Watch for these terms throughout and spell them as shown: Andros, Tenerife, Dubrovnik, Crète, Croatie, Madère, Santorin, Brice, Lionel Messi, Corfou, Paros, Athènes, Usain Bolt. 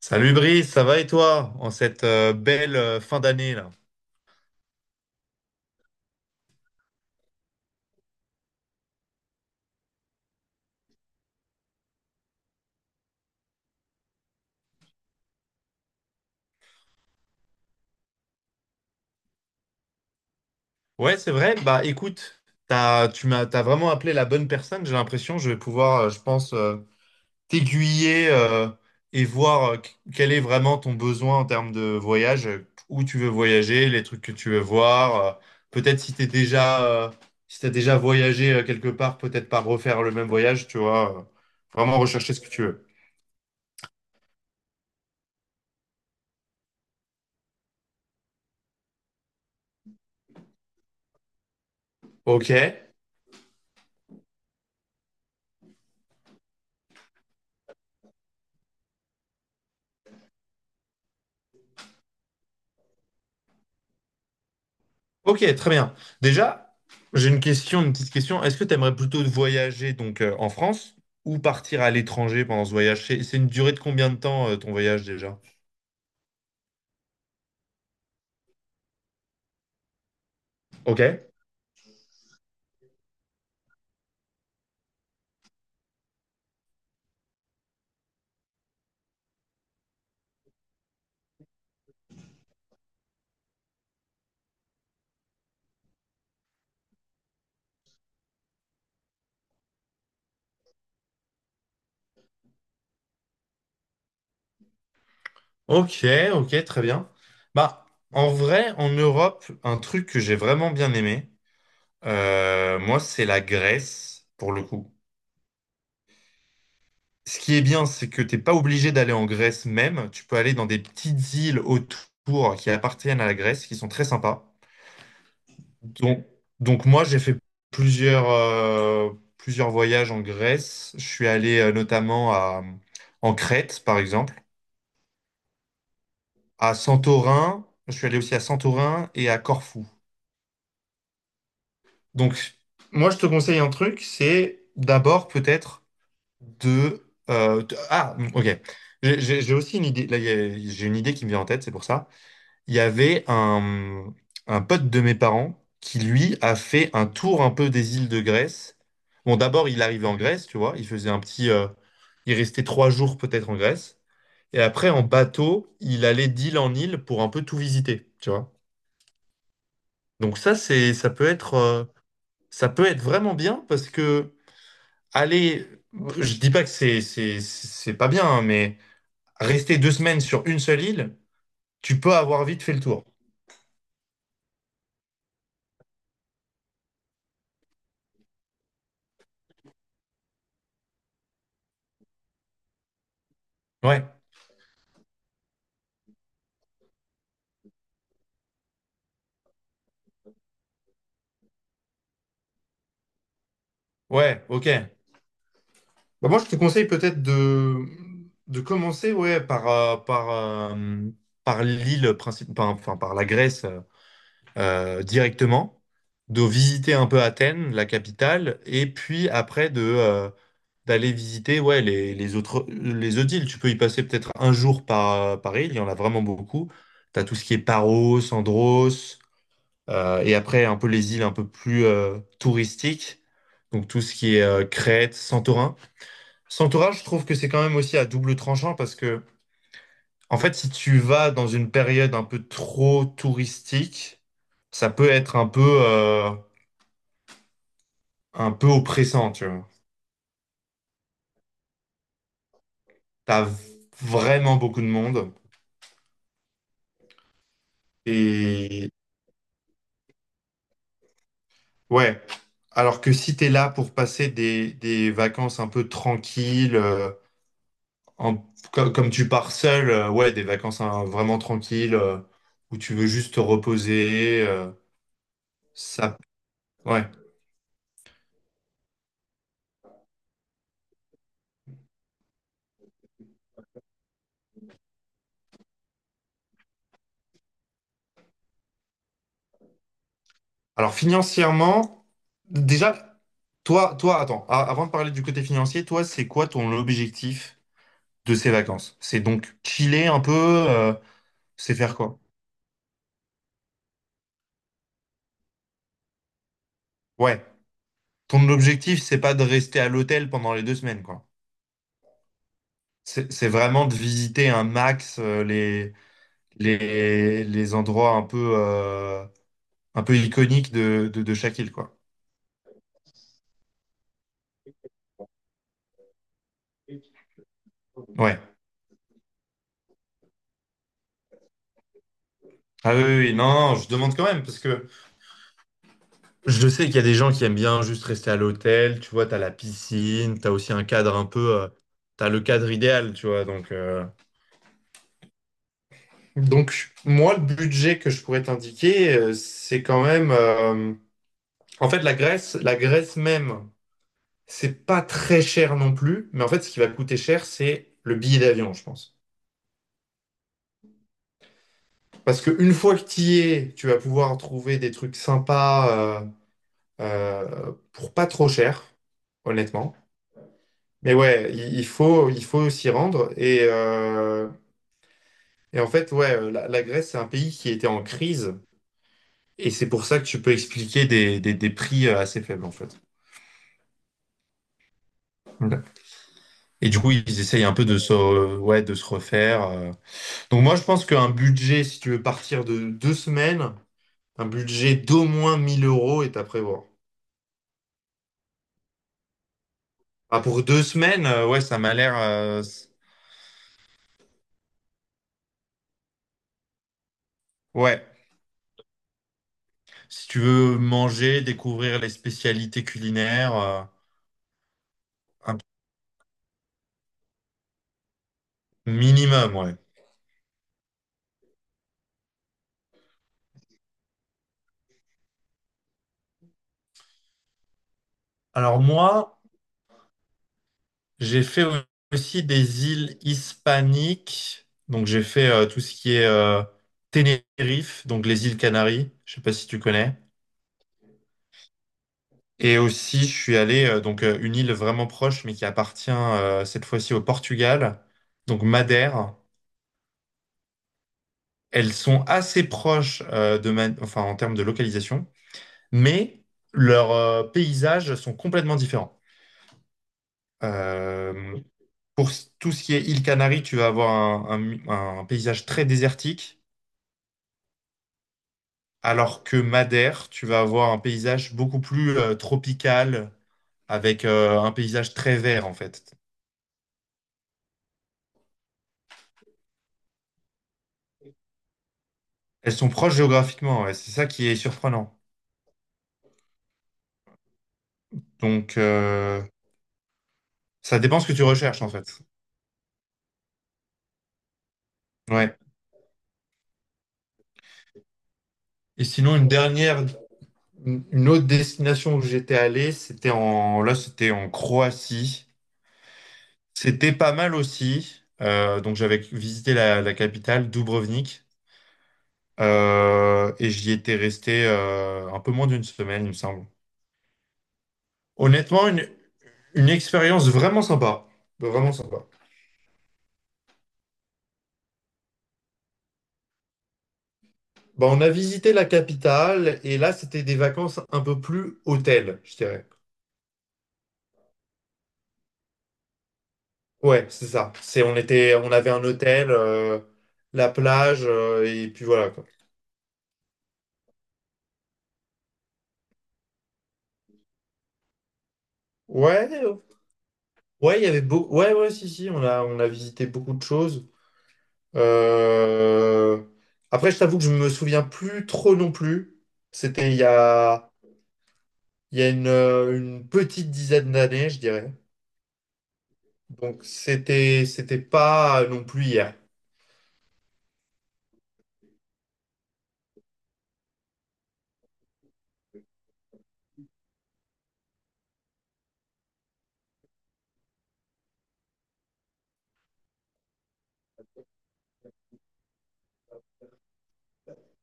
Salut Brice, ça va et toi en cette belle fin d'année là? Ouais, c'est vrai. Bah écoute, t'as vraiment appelé la bonne personne. J'ai l'impression, je vais pouvoir, je pense, t'aiguiller et voir quel est vraiment ton besoin en termes de voyage, où tu veux voyager, les trucs que tu veux voir. Peut-être si t'es déjà, si t'as déjà voyagé quelque part, peut-être pas refaire le même voyage, tu vois. Vraiment rechercher ce que tu veux. Ok. Ok, très bien. Déjà, j'ai une question, une petite question. Est-ce que tu aimerais plutôt voyager donc en France ou partir à l'étranger pendant ce voyage? C'est une durée de combien de temps ton voyage déjà? Ok. Ok, ok, très bien. Bah, en vrai, en Europe, un truc que j'ai vraiment bien aimé, moi, c'est la Grèce, pour le coup. Ce qui est bien, c'est que t'es pas obligé d'aller en Grèce même. Tu peux aller dans des petites îles autour qui appartiennent à la Grèce, qui sont très sympas. Donc, donc, moi, j'ai fait plusieurs, euh, plusieurs voyages en Grèce. Je suis allé notamment en Crète, par exemple, à Santorin. Je suis allé aussi à Santorin et à Corfou. Donc, moi, je te conseille un truc, c'est d'abord peut-être de, Ah, ok. J'ai aussi une idée. Là, j'ai une idée qui me vient en tête, c'est pour ça. Il y avait un pote de mes parents qui, lui, a fait un tour un peu des îles de Grèce. Bon, d'abord, il arrivait en Grèce, tu vois, il faisait un petit... il restait 3 jours peut-être en Grèce. Et après, en bateau, il allait d'île en île pour un peu tout visiter, tu vois. Donc ça, ça peut être vraiment bien parce que aller, je dis pas que c'est pas bien, hein, mais rester 2 semaines sur une seule île, tu peux avoir vite fait le tour. Ouais, ouais, ok. Bah, moi, je te conseille peut-être de commencer ouais, par enfin par la Grèce directement, de visiter un peu Athènes, la capitale, et puis après d'aller visiter ouais, les autres îles. Tu peux y passer peut-être un jour par île, il y en a vraiment beaucoup. Tu as tout ce qui est Paros, Andros, et après un peu les îles un peu plus touristiques, donc tout ce qui est Crète, Santorin. S'entourage, je trouve que c'est quand même aussi à double tranchant parce que, en fait, si tu vas dans une période un peu trop touristique, ça peut être un peu oppressant, tu vois. T'as vraiment beaucoup de monde. Et ouais. Alors que si t'es là pour passer des vacances un peu tranquilles, en- comme tu pars seul, ouais, des vacances hein, vraiment tranquilles, où tu veux juste te reposer, ça, ouais. Alors financièrement, déjà, attends, avant de parler du côté financier, toi, c'est quoi ton objectif de ces vacances? C'est donc chiller un peu, c'est faire quoi? Ouais. Ton objectif, c'est pas de rester à l'hôtel pendant les 2 semaines, quoi. C'est vraiment de visiter un max les endroits un un peu iconiques de chaque île, quoi. Ouais. Ah oui, oui, oui. Non, non, je demande quand même, parce que je sais qu'il y a des gens qui aiment bien juste rester à l'hôtel, tu vois, t'as la piscine, t'as aussi un cadre un t'as le cadre idéal, tu vois, donc... Donc, moi, le budget que je pourrais t'indiquer, c'est quand même. En fait, la Grèce même, c'est pas très cher non plus. Mais en fait, ce qui va coûter cher, c'est le billet d'avion, je pense. Parce que une fois que tu y es, tu vas pouvoir trouver des trucs sympas pour pas trop cher, honnêtement. Mais ouais, il faut s'y rendre. Et en fait, ouais, la Grèce, c'est un pays qui était en crise. Et c'est pour ça que tu peux expliquer des prix assez faibles, en fait. Ok. Et du coup, ils essayent un peu ouais, de se refaire. Donc moi, je pense qu'un budget, si tu veux partir de 2 semaines, un budget d'au moins 1000 euros est à prévoir. Ah, pour 2 semaines, ouais, ça m'a l'air... Ouais, si tu veux manger, découvrir les spécialités culinaires, un minimum, ouais. Alors moi, j'ai fait aussi des îles hispaniques. Donc j'ai fait tout ce qui est Tenerife, donc les îles Canaries. Je sais pas si tu connais. Et aussi, je suis allé une île vraiment proche, mais qui appartient cette fois-ci au Portugal, donc Madère. Elles sont assez proches enfin en termes de localisation, mais leurs paysages sont complètement différents. Euh, Pour tout ce qui est île Canaries, tu vas avoir un paysage très désertique, alors que Madère, tu vas avoir un paysage beaucoup plus tropical, avec un paysage très vert en fait. Elles sont proches géographiquement, ouais, c'est ça qui est surprenant. Donc euh, Ça dépend ce que tu recherches en fait. Ouais. Et sinon, une autre destination où j'étais allé, c'était en Croatie. C'était pas mal aussi. Donc j'avais visité la capitale, Dubrovnik. Et j'y étais resté un peu moins d'une semaine, il me semble. Honnêtement, une expérience vraiment sympa. Vraiment sympa. Bah, on a visité la capitale et là, c'était des vacances un peu plus hôtel, je dirais. Ouais, c'est ça. On avait un hôtel, la plage, et puis voilà, quoi. Ouais, ouais, il y avait beau... Ouais, ouais, si, si, on a visité beaucoup de choses. Euh, Après, je t'avoue que je me souviens plus trop non plus. C'était il y a... Il y a une petite dizaine d'années, je dirais. Donc c'était pas non plus hier.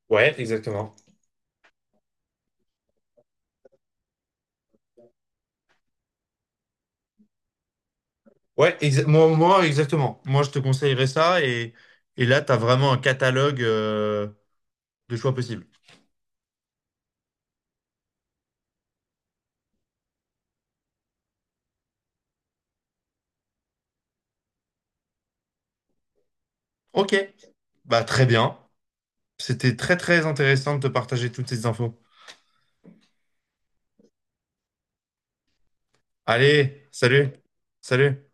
Ouais, exactement. Ouais, exactement. Moi, je te conseillerais ça et là, tu as vraiment un catalogue de choix possibles. Ok, bah très bien. C'était très très intéressant de te partager toutes ces infos. Allez, salut, salut.